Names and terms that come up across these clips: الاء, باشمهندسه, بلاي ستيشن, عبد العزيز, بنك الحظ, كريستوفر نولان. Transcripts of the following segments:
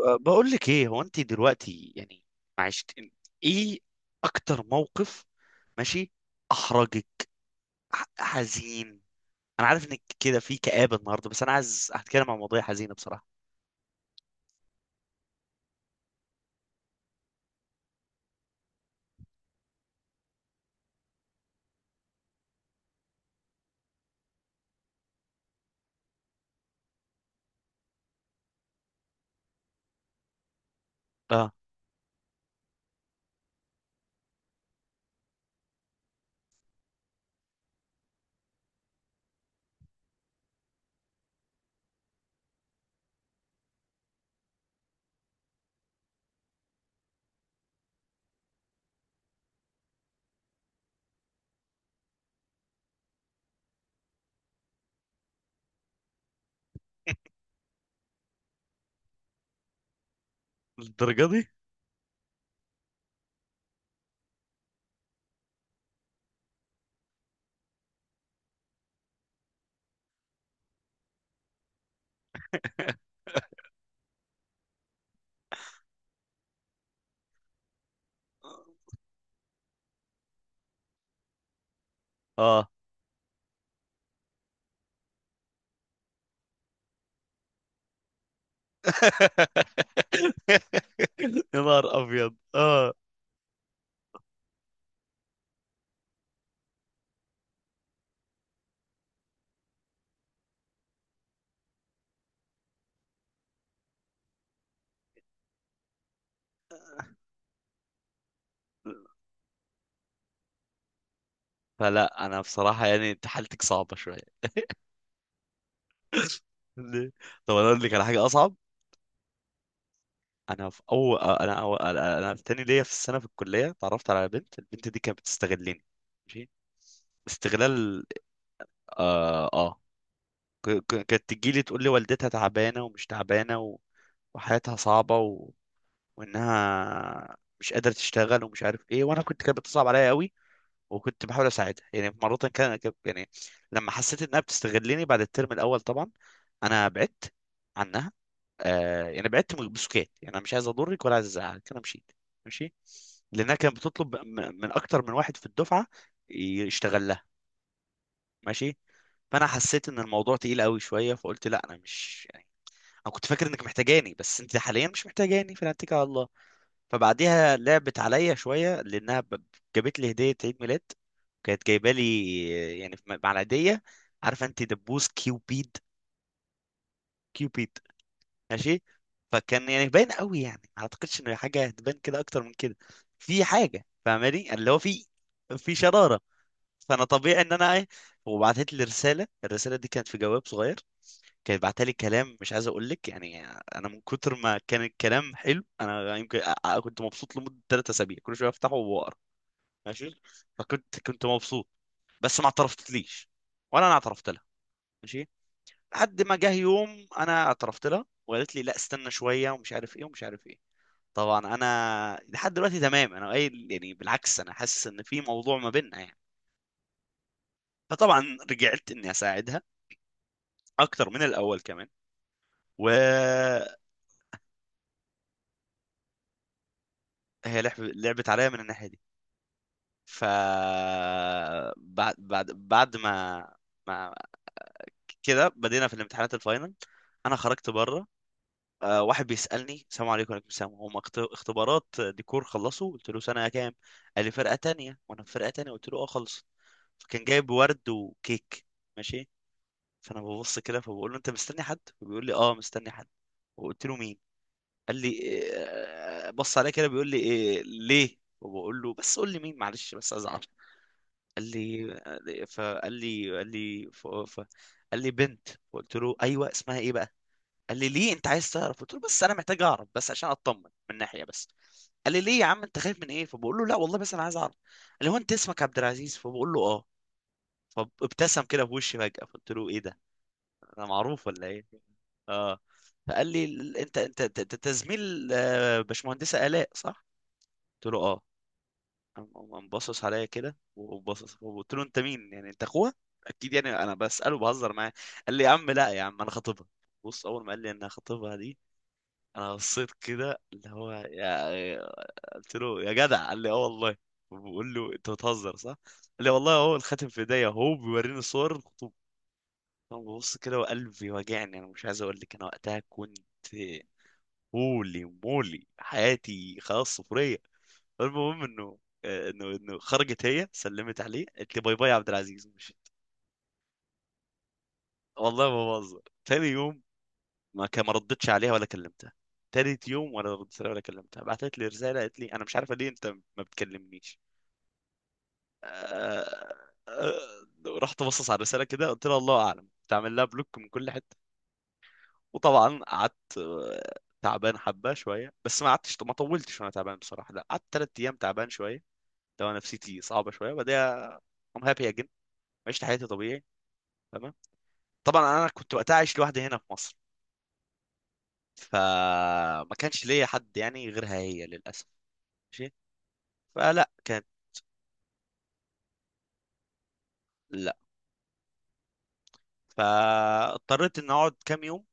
بقول لك ايه هو انت دلوقتي يعني. معلش، انت ايه اكتر موقف؟ ماشي. احرجك حزين. انا عارف انك كده في كآبة النهارده، بس انا عايز هتكلم عن مواضيع حزينة بصراحة. اه، للدرجة دي؟ اه. يا نهار ابيض. اه، فلا انا بصراحة يعني انت حالتك صعبة شوية. ليه؟ طب انا اقول لك على حاجة اصعب. انا في اول انا انا في تاني ليا في السنه في الكليه اتعرفت على بنت. البنت دي كانت بتستغلني. ماشي. استغلال. اه، كانت تجي لي تقول لي والدتها تعبانه ومش تعبانه وحياتها صعبه وانها مش قادره تشتغل ومش عارف ايه، وانا كنت كانت بتصعب عليا قوي، وكنت بحاول اساعدها. يعني مره يعني لما حسيت انها بتستغلني، بعد الترم الاول طبعا انا بعدت عنها. آه، يعني بعدت بسكات. يعني انا مش عايز اضرك ولا عايز ازعلك، انا مشيت. ماشي. لانها كانت بتطلب من اكتر من واحد في الدفعه يشتغل لها. ماشي. فانا حسيت ان الموضوع تقيل قوي شويه، فقلت لا، انا مش يعني، انا كنت فاكر انك محتاجاني، بس انت حاليا مش محتاجاني، فانا هتكل على الله. فبعديها لعبت عليا شويه، لانها جابت لي هديه عيد ميلاد. كانت جايبه لي يعني مع العيديه، عارفه انت، دبوس كيوبيد. كيوبيد. ماشي. فكان يعني باين قوي، يعني ما اعتقدش ان حاجه هتبان كده اكتر من كده. في حاجه فاهماني اللي هو في، في شراره. فانا طبيعي ان انا ايه. وبعتت لي رساله، الرساله دي كانت في جواب صغير، كانت بعتها لي كلام مش عايز اقول لك يعني، انا من كتر ما كان الكلام حلو انا يمكن كنت مبسوط لمده 3 اسابيع، كل شويه افتحه واقرا. ماشي. فكنت مبسوط، بس ما اعترفتليش ولا انا اعترفت لها. ماشي. لحد ما جه يوم انا اعترفت لها، وقالت لي لا استنى شويه ومش عارف ايه ومش عارف ايه. طبعا انا لحد دلوقتي تمام، انا قايل يعني بالعكس، انا حاسس ان في موضوع ما بيننا يعني. فطبعا رجعت اني اساعدها اكتر من الاول كمان، وهي لعبت عليا من الناحيه دي. ف بعد ما كده بدينا في الامتحانات الفاينل. انا خرجت بره، واحد بيسالني السلام عليكم، وعليكم السلام، هم اختبارات ديكور خلصوا؟ قلت له سنه كام؟ قال لي فرقه تانية. وانا في فرقه تانية، قلت له اه خلص. فكان جايب ورد وكيك. ماشي. فانا ببص كده، فبقول له انت مستني حد؟ فبيقول لي اه مستني حد. وقلت له مين؟ قال لي إيه، بص عليا كده بيقول لي إيه ليه، وبقول له بس قول لي مين، معلش بس ازعل. قال لي قال لي بنت. قلت له ايوه اسمها ايه بقى؟ قال لي ليه انت عايز تعرف؟ قلت له بس انا محتاج اعرف بس عشان اطمن من ناحيه بس. قال لي ليه يا عم انت خايف من ايه؟ فبقول له لا والله بس انا عايز اعرف. قال لي هو انت اسمك عبد العزيز؟ فبقول له اه. فابتسم كده في وشي فجأة، فقلت له ايه ده، انا معروف ولا ايه؟ اه. فقال لي ال- انت انت انت أنت زميل، باشمهندسه الاء صح؟ قلت له اه. قام باصص عليا كده وباصص، وقلت له انت مين يعني، انت اخوها اكيد؟ يعني انا بساله بهزر معاه. قال لي يا عم لا يا عم انا خطيبها. بص، اول ما قال لي ان خطيبها دي، انا بصيت كده اللي هو يا. قلت له يا جدع، قال لي اه والله. بقول له انت بتهزر صح؟ قال لي والله اهو الخاتم في ايديا، اهو بيوريني صور. انا ببص كده وقلبي واجعني. انا مش عايز اقول لك انا وقتها كنت هولي مولي، حياتي خلاص صفريه. المهم انه انه خرجت هي، سلمت عليه، قالت لي باي باي يا عبد العزيز، مشيت. والله ما بهزر. تاني يوم ما كان ما ردتش عليها ولا كلمتها. تالت يوم ولا ردت عليها ولا كلمتها. بعتت لي رساله، قالت لي انا مش عارفه ليه انت ما بتكلمنيش. آه، آه، رحت بصص على الرساله كده، قلت لها الله اعلم، تعمل لها بلوك من كل حته. وطبعا قعدت تعبان حبه شويه، بس ما قعدتش ما طولتش وانا تعبان بصراحه. لا، قعدت 3 ايام تعبان شويه. لو أنا نفسيتي صعبه شويه بعدها. ام هابي اجن. عشت حياتي طبيعي. تمام. طبعا انا كنت وقتها عايش لوحدي هنا في مصر، فما كانش ليا حد يعني غيرها هي، للاسف. ماشي. فلا كانت. لا، فاضطريت ان اقعد كام يوم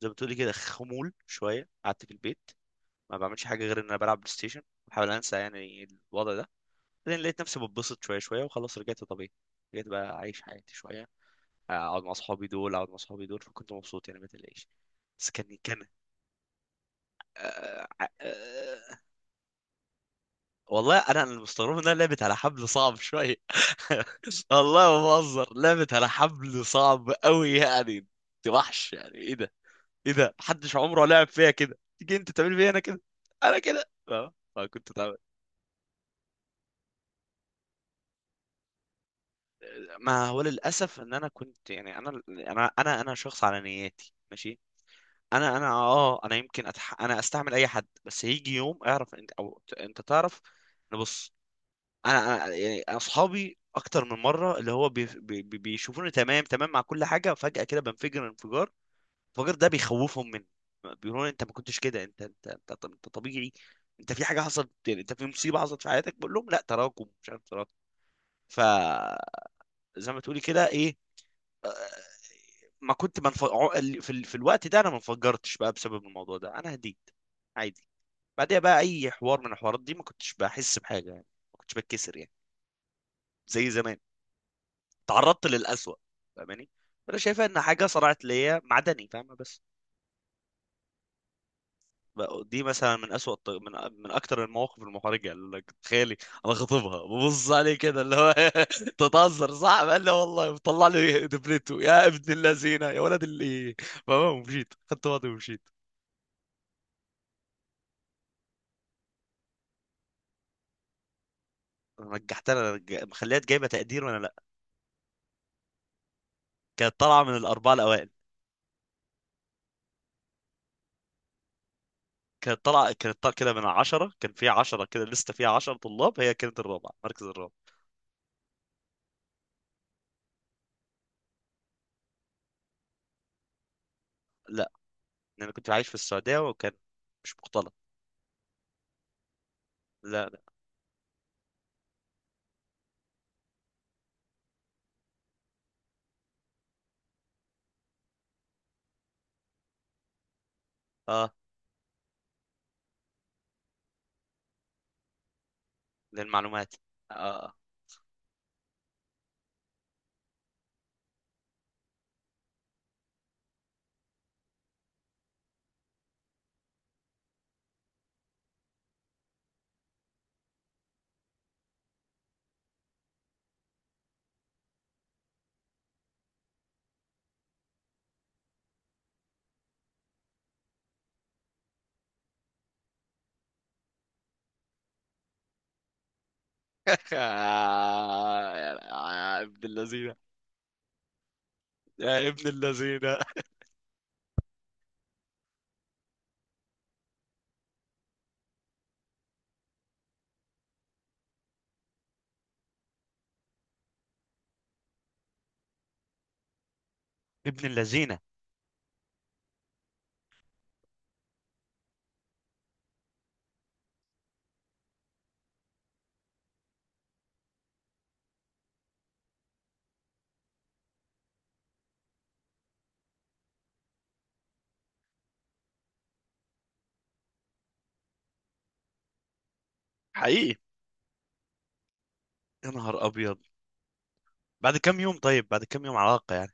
زي ما بتقولي كده، خمول شويه، قعدت في البيت ما بعملش حاجه غير ان انا بلعب بلاي ستيشن، بحاول انسى يعني الوضع ده. بعدين لقيت نفسي بتبسط شويه شويه، وخلاص رجعت طبيعي. رجعت بقى اعيش حياتي شويه، اقعد مع اصحابي دول، اقعد مع اصحابي دول، فكنت مبسوط يعني ما تقلقش. بس كان كان آه... آه... والله انا اللي مستغرب انها لعبت على حبل صعب شويه. والله ما بهزر، لعبت على حبل صعب قوي يعني. انت وحش، يعني ايه ده؟ ايه ده، محدش عمره لعب فيها كده، تيجي انت تعمل فيها انا كده، انا كده اه، ما كنت تعمل. ما هو للاسف ان انا كنت يعني، انا شخص على نياتي، ماشي. انا يمكن انا استعمل اي حد، بس هيجي يوم اعرف انت انت تعرف ان بص. انا انا يعني اصحابي اكتر من مره اللي هو بيشوفوني تمام تمام مع كل حاجه، فجاه كده بنفجر انفجار. الانفجار ده بيخوفهم مني، بيقولوا لي انت ما كنتش كده، انت طبيعي، انت في حاجه حصلت، يعني انت في مصيبه حصلت في حياتك. بقول لهم لا، تراكم، مش عارف، تراكم. فزي ما تقولي كده، ايه، ما كنت منف... عو- ال- في, ال... في الوقت ده انا ما انفجرتش بقى، بسبب الموضوع ده انا هديت. عادي. بعدها بقى اي حوار من الحوارات دي ما كنتش بحس بحاجه يعني، ما كنتش بتكسر يعني زي زمان، تعرضت للأسوأ، فاهماني. فانا شايفها ان حاجه صرعت ليا معدني، فاهمه، بس. دي مثلا من من من اكتر المواقف المحرجه يعني، اللي لك تخيلي انا خاطبها ببص عليه كده اللي هو، تتهزر صح، قال لي والله، طلع لي دبلته، يا ابن اللذينه، يا ولد اللي، فاهمه، ومشيت خدت وضعي ومشيت. رجعت انا مخليها جايبه تقدير وانا لا، كانت طالعه من الاربعه الاوائل. كانت طالعه كده من عشرة، كان فيها عشرة كده لسه، فيها 10 طلاب، هي كانت الرابعة، مركز الرابع. لا، لأن كنت عايش في السعودية، وكان مش مختلط. لا لا. اه، للمعلومات. اه. يا ابن اللذينة. يا ابن اللذينة. ابن اللذينة. حقيقي، يا نهار أبيض. بعد كم يوم؟ طيب بعد كم يوم علاقة يعني؟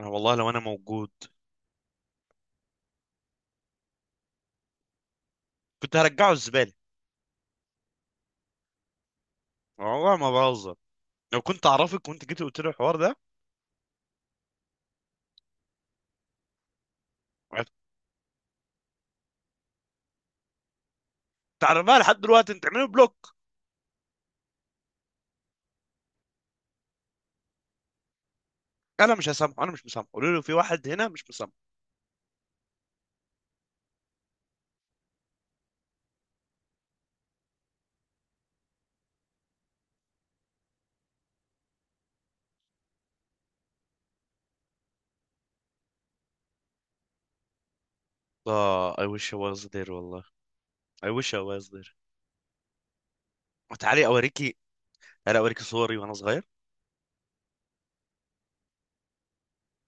أنا والله لو أنا موجود، كنت هرجعه الزبالة. والله ما بهزر، لو كنت أعرفك وأنت جيت قلت لي الحوار ده. تعرفها لحد دلوقتي؟ أنت تعمله بلوك. انا مش هسامحه، انا مش مسامحه، قولوا له في واحد هنا مش مسامحه. اه I wish I was there، والله I wish I was there. وتعالي اوريكي، انا اوريكي صوري وانا صغير.